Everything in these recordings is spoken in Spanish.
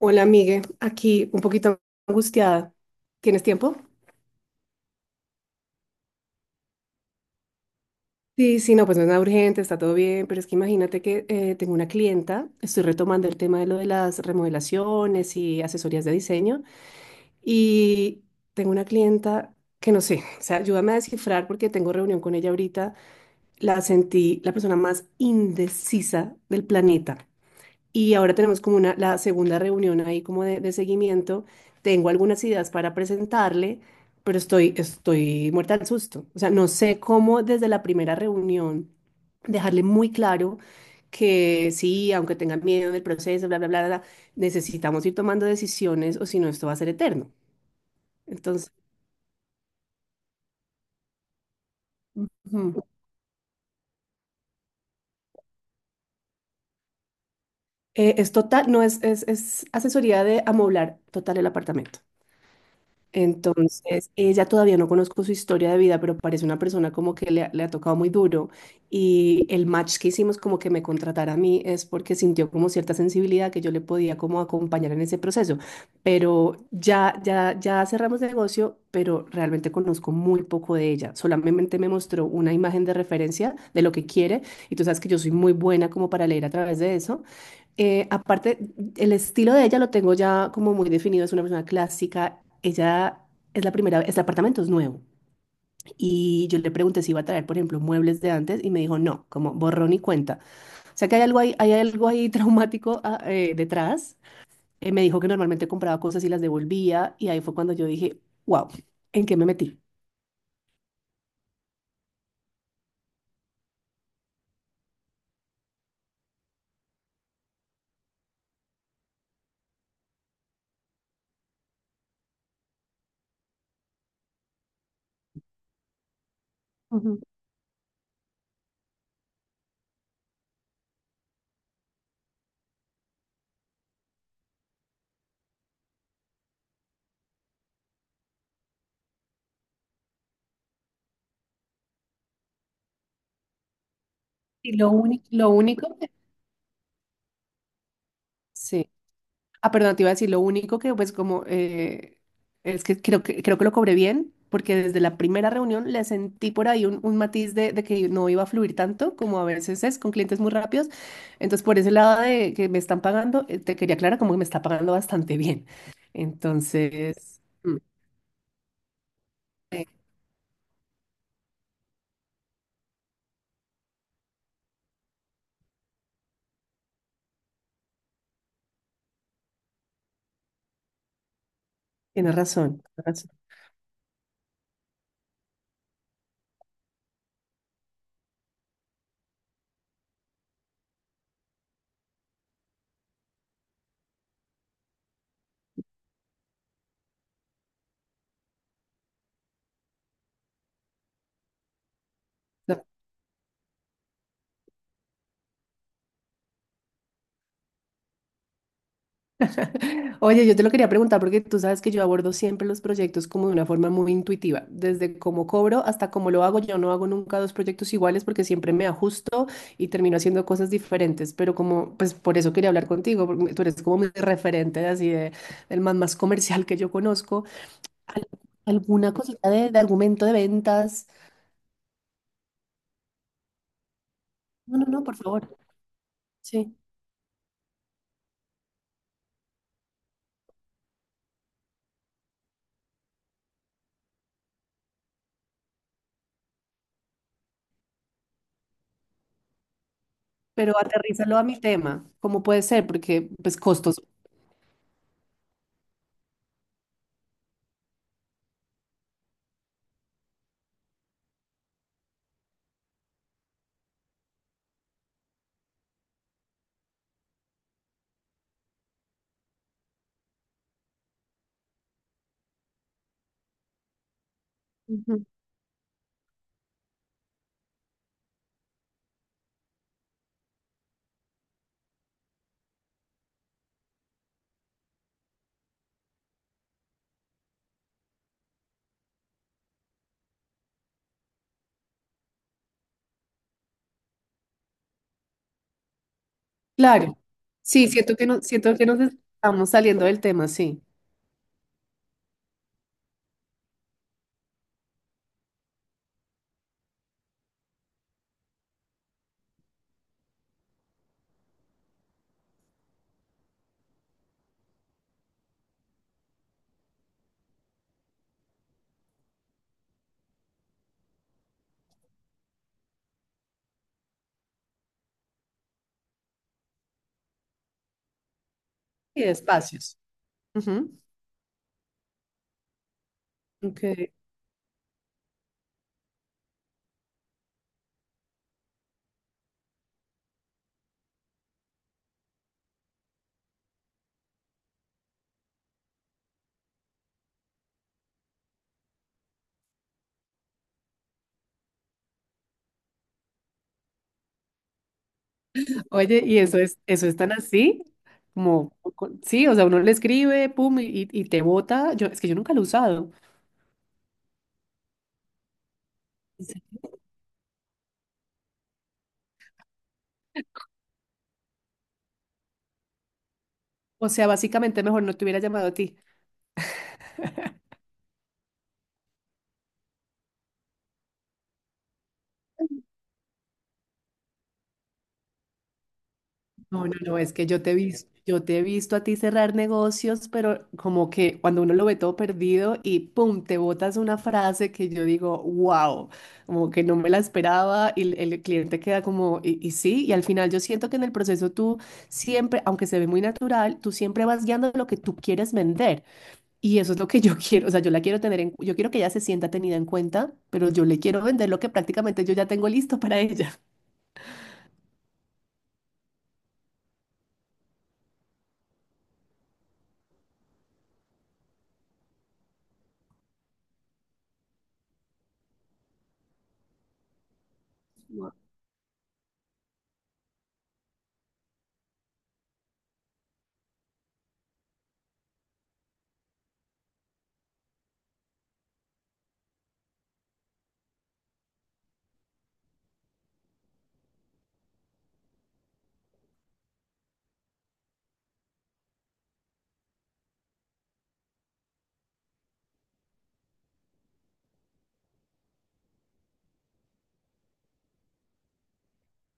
Hola, Migue. Aquí un poquito angustiada. ¿Tienes tiempo? Sí, sí, no, pues no es nada urgente, está todo bien, pero es que imagínate que tengo una clienta, estoy retomando el tema de lo de las remodelaciones y asesorías de diseño, y tengo una clienta que no sé, o sea, ayúdame a descifrar porque tengo reunión con ella ahorita, la sentí la persona más indecisa del planeta. Y ahora tenemos como una, la segunda reunión ahí como de seguimiento. Tengo algunas ideas para presentarle, pero estoy muerta del susto. O sea, no sé cómo desde la primera reunión dejarle muy claro que sí, aunque tenga miedo del proceso, bla, bla, bla, bla, bla, necesitamos ir tomando decisiones o si no, esto va a ser eterno. Entonces, ujú, es total, no es, es asesoría de amoblar total el apartamento. Entonces, ella todavía no conozco su historia de vida, pero parece una persona como que le ha tocado muy duro. Y el match que hicimos como que me contratara a mí es porque sintió como cierta sensibilidad que yo le podía como acompañar en ese proceso. Pero ya cerramos negocio, pero realmente conozco muy poco de ella. Solamente me mostró una imagen de referencia de lo que quiere. Y tú sabes que yo soy muy buena como para leer a través de eso. Aparte, el estilo de ella lo tengo ya como muy definido, es una persona clásica. Ella es la primera, vez, el apartamento es nuevo. Y yo le pregunté si iba a traer, por ejemplo, muebles de antes y me dijo no, como borrón y cuenta. O sea que hay algo ahí traumático detrás. Me dijo que normalmente compraba cosas y las devolvía y ahí fue cuando yo dije, wow, ¿en qué me metí? Ujú. Y sí. Ah, perdón, te iba a decir, lo único que pues como es que creo que lo cobré bien, porque desde la primera reunión le sentí por ahí un matiz de que no iba a fluir tanto como a veces es con clientes muy rápidos. Entonces, por ese lado de que me están pagando, te quería aclarar como que me está pagando bastante bien. Entonces, eh, tienes razón, tienes razón. Oye, yo te lo quería preguntar porque tú sabes que yo abordo siempre los proyectos como de una forma muy intuitiva, desde cómo cobro hasta cómo lo hago. Yo no hago nunca dos proyectos iguales porque siempre me ajusto y termino haciendo cosas diferentes, pero como, pues por eso quería hablar contigo, porque tú eres como mi referente así de, del man más comercial que yo conozco. Al- ¿Alguna cosita de argumento de ventas? No, no, no, por favor. Sí, pero aterrízalo a mi tema, ¿cómo puede ser? Porque, pues, costos. Claro. Sí, siento que no, siento que nos estamos saliendo del tema, sí. Y de espacios. Ujú. Ok. Oye, ¿y eso es tan así? Como, sí, o sea, uno le escribe, pum, y te bota. Es que yo nunca lo he usado. Sí. O sea, básicamente mejor no te hubiera llamado a ti. No, no, no, es que yo te he visto a ti cerrar negocios, pero como que cuando uno lo ve todo perdido y pum, te botas una frase que yo digo, wow, como que no me la esperaba y el cliente queda como, y sí, y al final yo siento que en el proceso tú siempre, aunque se ve muy natural, tú siempre vas guiando lo que tú quieres vender y eso es lo que yo quiero, o sea, yo la quiero tener en, yo quiero que ella se sienta tenida en cuenta, pero yo le quiero vender lo que prácticamente yo ya tengo listo para ella.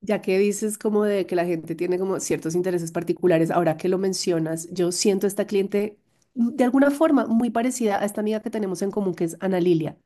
Ya que dices como de que la gente tiene como ciertos intereses particulares, ahora que lo mencionas, yo siento esta cliente de alguna forma muy parecida a esta amiga que tenemos en común, que es Ana Lilia,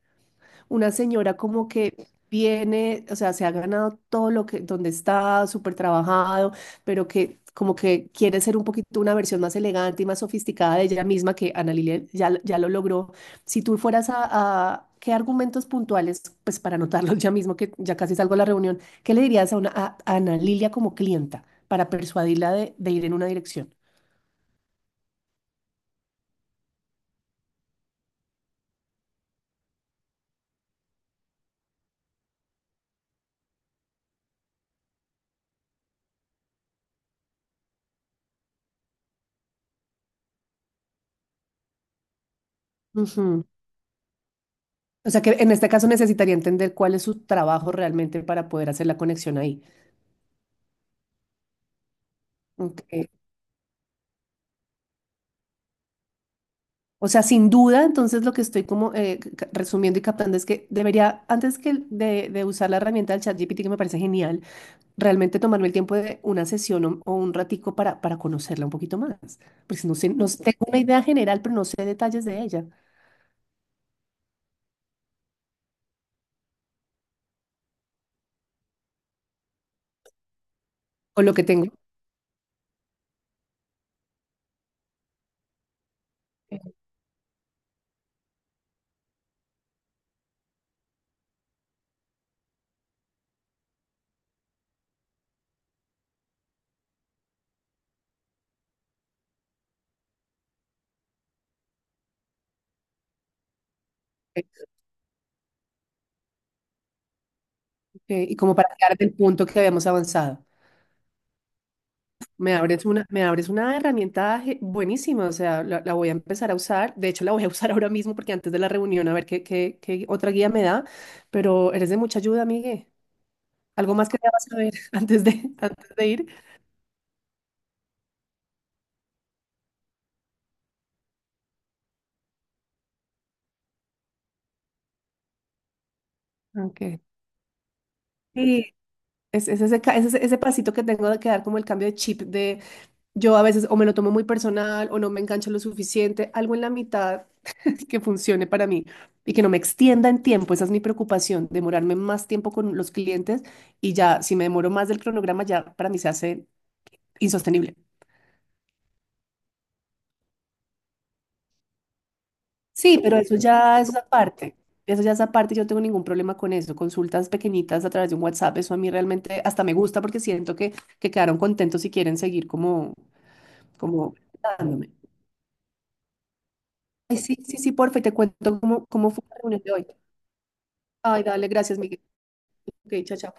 una señora como que viene, o sea, se ha ganado todo lo que, donde está, súper trabajado, pero que como que quiere ser un poquito una versión más elegante y más sofisticada de ella misma, que Ana Lilia ya lo logró. Si tú fueras ¿qué argumentos puntuales, pues para anotarlos ya mismo, que ya casi salgo a la reunión, qué le dirías a Ana Lilia como clienta para persuadirla de ir en una dirección? O sea que en este caso necesitaría entender cuál es su trabajo realmente para poder hacer la conexión ahí. Ok. O sea, sin duda, entonces lo que estoy como resumiendo y captando es que debería, de usar la herramienta del ChatGPT, que me parece genial, realmente tomarme el tiempo de una sesión o un ratico para conocerla un poquito más. Porque si no sé, no sé- tengo una idea general, pero no sé detalles de ella, o lo que tengo, eh, y como para quedar del punto que habíamos avanzado. Me abres una herramienta buenísima, o sea, la voy a empezar a usar. De hecho, la voy a usar ahora mismo porque antes de la reunión a ver qué otra guía me da, pero eres de mucha ayuda, Migue. ¿Algo más que debas saber antes de ir? Okay. Sí, es ese, ese pasito que tengo de quedar como el cambio de chip de yo a veces o me lo tomo muy personal o no me engancho lo suficiente, algo en la mitad que funcione para mí y que no me extienda en tiempo. Esa es mi preocupación, demorarme más tiempo con los clientes y ya, si me demoro más del cronograma, ya para mí se hace insostenible. Sí, pero eso ya es aparte. Eso ya es aparte, yo no tengo ningún problema con eso. Consultas pequeñitas a través de un WhatsApp, eso a mí realmente hasta me gusta porque siento que quedaron contentos y quieren seguir como, como dándome. Ay, sí, sí, sí, porfa, y te cuento cómo, cómo fue la reunión de hoy. Ay, dale, gracias, Miguel. Ok, chao, chao.